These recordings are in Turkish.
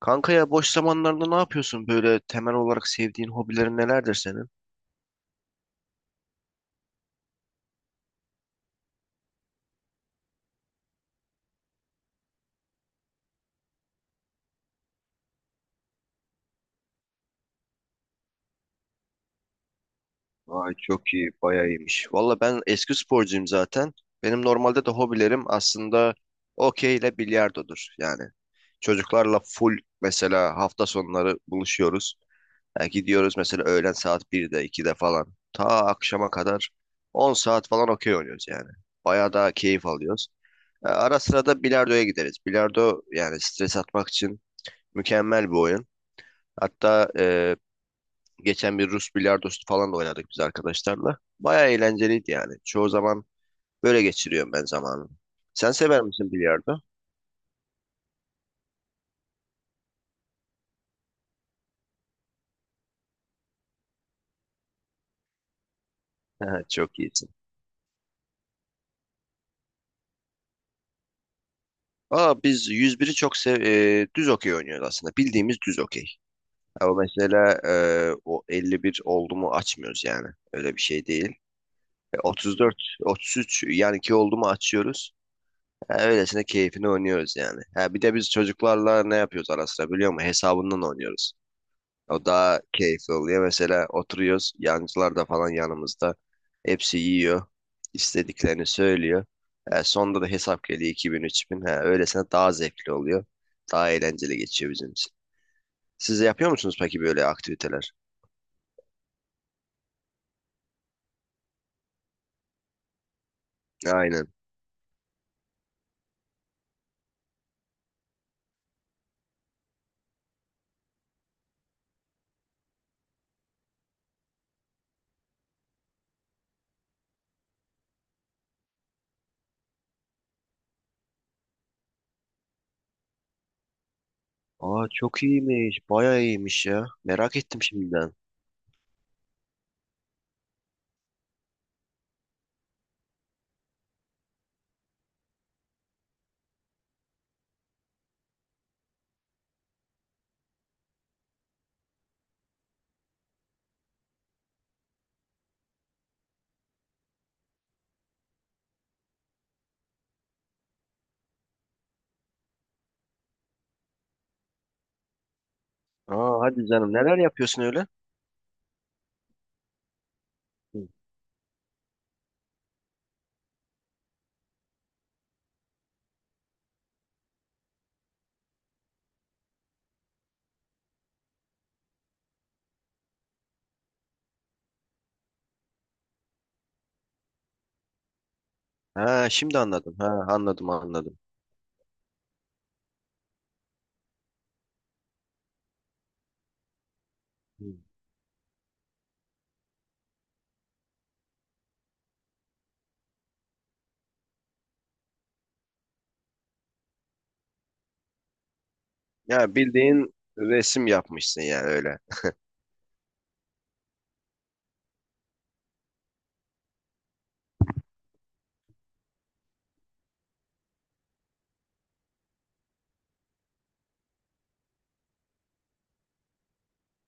Kanka ya boş zamanlarda ne yapıyorsun? Böyle temel olarak sevdiğin hobilerin nelerdir senin? Ay çok iyi, bayağı iyiymiş. Valla ben eski sporcuyum zaten. Benim normalde de hobilerim aslında okey ile bilardodur. Yani çocuklarla full mesela hafta sonları buluşuyoruz. Yani gidiyoruz mesela öğlen saat 1'de 2'de falan. Ta akşama kadar 10 saat falan okey oynuyoruz yani. Bayağı daha keyif alıyoruz. Ara sıra da bilardoya gideriz. Bilardo yani stres atmak için mükemmel bir oyun. Hatta geçen bir Rus bilardosu falan da oynadık biz arkadaşlarla. Baya eğlenceliydi yani. Çoğu zaman böyle geçiriyorum ben zamanımı. Sen sever misin bilardo? Çok iyisin. Aa, biz yüz biri düz okey oynuyoruz aslında. Bildiğimiz düz okey. Ama mesela o 51 oldu mu açmıyoruz yani. Öyle bir şey değil. 34, 33 yani ki oldu mu açıyoruz. Ha, öylesine keyfini oynuyoruz yani. Ha, bir de biz çocuklarla ne yapıyoruz ara sıra biliyor musun? Hesabından oynuyoruz. O daha keyifli oluyor. Mesela oturuyoruz. Yancılar da falan yanımızda. Hepsi yiyor. İstediklerini söylüyor. Sonda da hesap geliyor iki bin üç bin. Ha, öylesine daha zevkli oluyor. Daha eğlenceli geçiyor bizim için. Siz de yapıyor musunuz peki böyle aktiviteler? Aynen. Aa çok iyiymiş. Bayağı iyiymiş ya. Merak ettim şimdiden. Aa hadi canım neler yapıyorsun öyle? Hı. Ha şimdi anladım. Ha anladım anladım. Hı. Ya bildiğin resim yapmışsın yani öyle.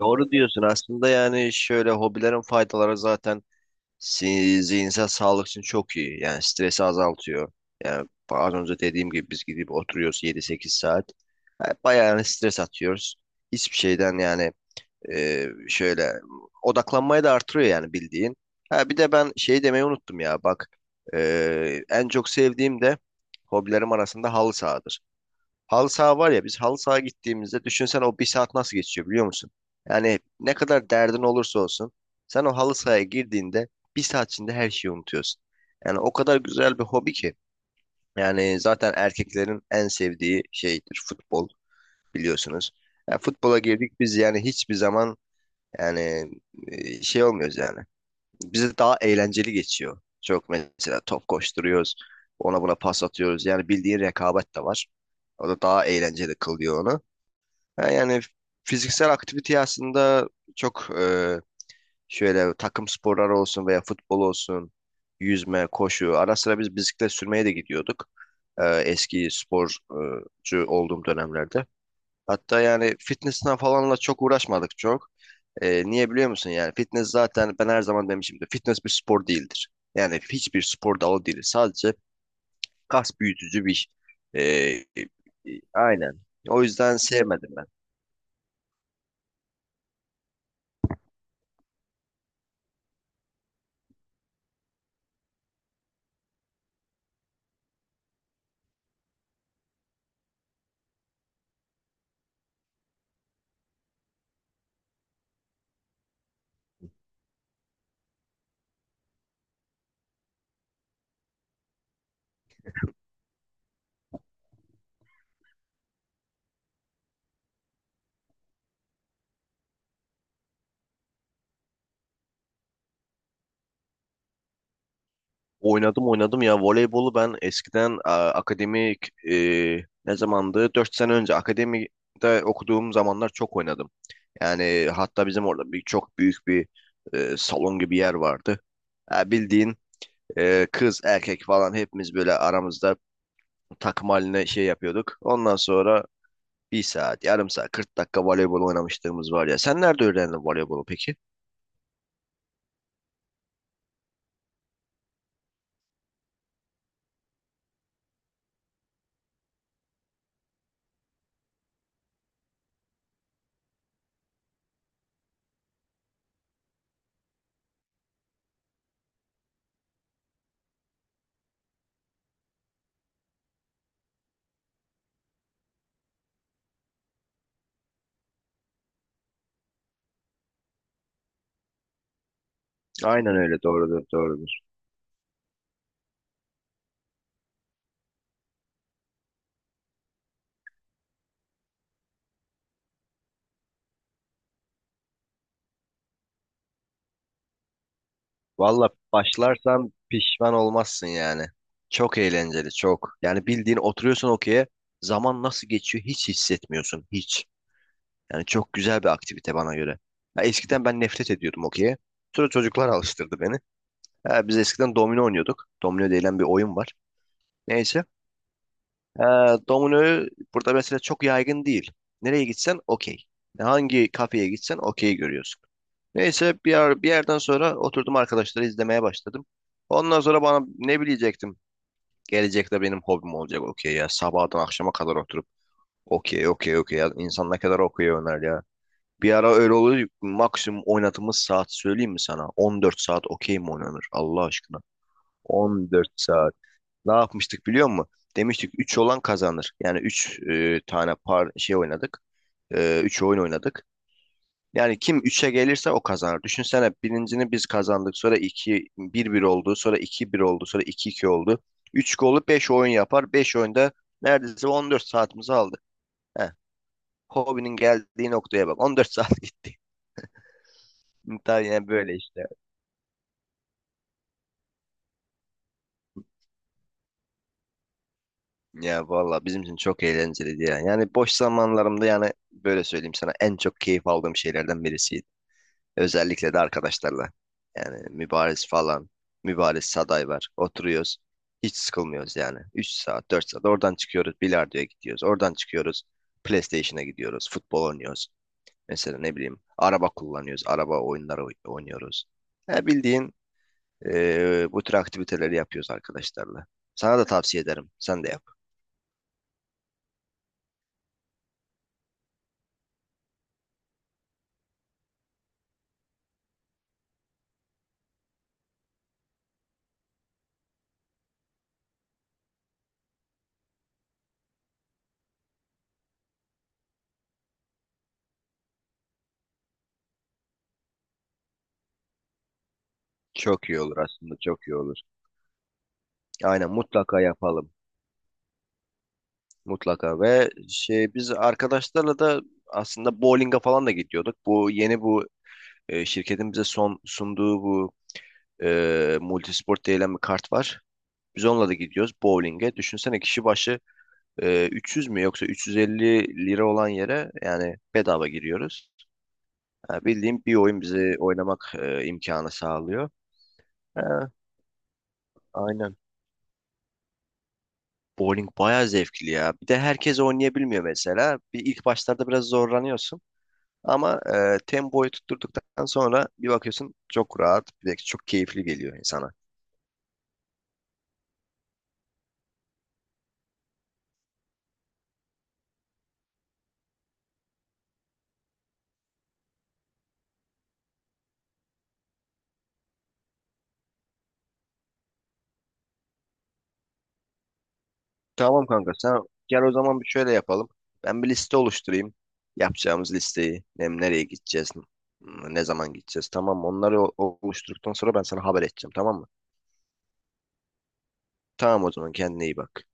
Doğru diyorsun. Aslında yani şöyle hobilerin faydaları zaten zihinsel sağlık için çok iyi. Yani stresi azaltıyor. Yani az önce dediğim gibi biz gidip oturuyoruz yedi sekiz saat. Yani bayağı yani stres atıyoruz. Hiçbir şeyden yani şöyle odaklanmayı da artırıyor yani bildiğin. Ha, bir de ben şey demeyi unuttum ya bak. En çok sevdiğim de hobilerim arasında halı sahadır. Halı saha var ya biz halı saha gittiğimizde düşünsen o bir saat nasıl geçiyor biliyor musun? Yani ne kadar derdin olursa olsun sen o halı sahaya girdiğinde bir saat içinde her şeyi unutuyorsun. Yani o kadar güzel bir hobi ki. Yani zaten erkeklerin en sevdiği şeydir futbol biliyorsunuz. Yani futbola girdik biz yani hiçbir zaman yani şey olmuyoruz yani. Bize daha eğlenceli geçiyor. Çok mesela top koşturuyoruz. Ona buna pas atıyoruz. Yani bildiğin rekabet de var. O da daha eğlenceli kılıyor onu. Ha, yani fiziksel aktivite aslında çok şöyle takım sporları olsun veya futbol olsun, yüzme, koşu. Ara sıra biz bisiklet sürmeye de gidiyorduk, eski sporcu olduğum dönemlerde. Hatta yani fitness'ten falanla çok uğraşmadık çok. Niye biliyor musun? Yani fitness zaten ben her zaman demişimdir. Fitness bir spor değildir. Yani hiçbir spor dalı değil. Sadece kas büyütücü bir, e, e, aynen. O yüzden sevmedim. Oynadım oynadım ya voleybolu ben eskiden akademik, ne zamandı? 4 sene önce akademide okuduğum zamanlar çok oynadım. Yani hatta bizim orada bir çok büyük bir salon gibi yer vardı. Ha, bildiğin kız erkek falan hepimiz böyle aramızda takım haline şey yapıyorduk. Ondan sonra bir saat, yarım saat, 40 dakika voleybol oynamışlığımız var ya. Sen nerede öğrendin voleybolu peki? Aynen, öyle doğrudur doğrudur. Valla başlarsan pişman olmazsın yani. Çok eğlenceli, çok. Yani bildiğin oturuyorsun okey'e, zaman nasıl geçiyor hiç hissetmiyorsun, hiç. Yani çok güzel bir aktivite bana göre. Ya eskiden ben nefret ediyordum okey'e. Sonra çocuklar alıştırdı beni. Ha, biz eskiden domino oynuyorduk. Domino denilen bir oyun var. Neyse. Ha, dominoyu burada mesela çok yaygın değil. Nereye gitsen okey. Hangi kafeye gitsen okey görüyorsun. Neyse bir yerden sonra oturdum, arkadaşları izlemeye başladım. Ondan sonra bana ne bilecektim? Gelecekte benim hobim olacak okey ya. Sabahtan akşama kadar oturup okey okey okey ya. İnsan ne kadar okey oynar ya. Bir ara öyle oluyor. Maksimum oynadığımız saat söyleyeyim mi sana? 14 saat okey mi oynanır Allah aşkına? 14 saat. Ne yapmıştık biliyor musun? Demiştik 3 olan kazanır. Yani 3 tane par şey oynadık. 3 oyun oynadık. Yani kim üçe gelirse o kazanır. Düşünsene birincini biz kazandık. Sonra iki bir bir oldu. Sonra iki bir oldu. Sonra iki iki oldu. 3 golü 5 oyun yapar. Beş oyunda neredeyse 14 saatimizi aldı. Heh. Hobinin geldiği noktaya bak. 14 saat gitti. Tabii yani böyle işte. Ya valla bizim için çok eğlenceliydi ya. Yani boş zamanlarımda yani böyle söyleyeyim sana en çok keyif aldığım şeylerden birisiydi. Özellikle de arkadaşlarla. Yani Mübariz falan. Mübariz Saday var. Oturuyoruz. Hiç sıkılmıyoruz yani. 3 saat, 4 saat. Oradan çıkıyoruz. Bilardo'ya gidiyoruz. Oradan çıkıyoruz. PlayStation'a gidiyoruz. Futbol oynuyoruz. Mesela ne bileyim. Araba kullanıyoruz. Araba oyunları oynuyoruz. Ya bildiğin bu tür aktiviteleri yapıyoruz arkadaşlarla. Sana da tavsiye ederim. Sen de yap. Çok iyi olur aslında. Çok iyi olur. Aynen, mutlaka yapalım. Mutlaka ve şey, biz arkadaşlarla da aslında bowling'e falan da gidiyorduk. Bu yeni bu şirketin bize son sunduğu bu multisport denilen bir kart var. Biz onunla da gidiyoruz bowling'e. Düşünsene kişi başı 300 mü yoksa 350 lira olan yere yani bedava giriyoruz. Ha, bildiğim bir oyun bize oynamak imkanı sağlıyor. Ha, aynen. Bowling bayağı zevkli ya. Bir de herkes oynayabilmiyor mesela. Bir ilk başlarda biraz zorlanıyorsun. Ama tempoyu tutturduktan sonra bir bakıyorsun çok rahat, bir de çok keyifli geliyor insana. Tamam kanka, sen gel o zaman, bir şöyle yapalım. Ben bir liste oluşturayım. Yapacağımız listeyi, nereye gideceğiz, ne zaman gideceğiz, tamam mı? Onları oluşturduktan sonra ben sana haber edeceğim, tamam mı? Tamam, o zaman kendine iyi bak.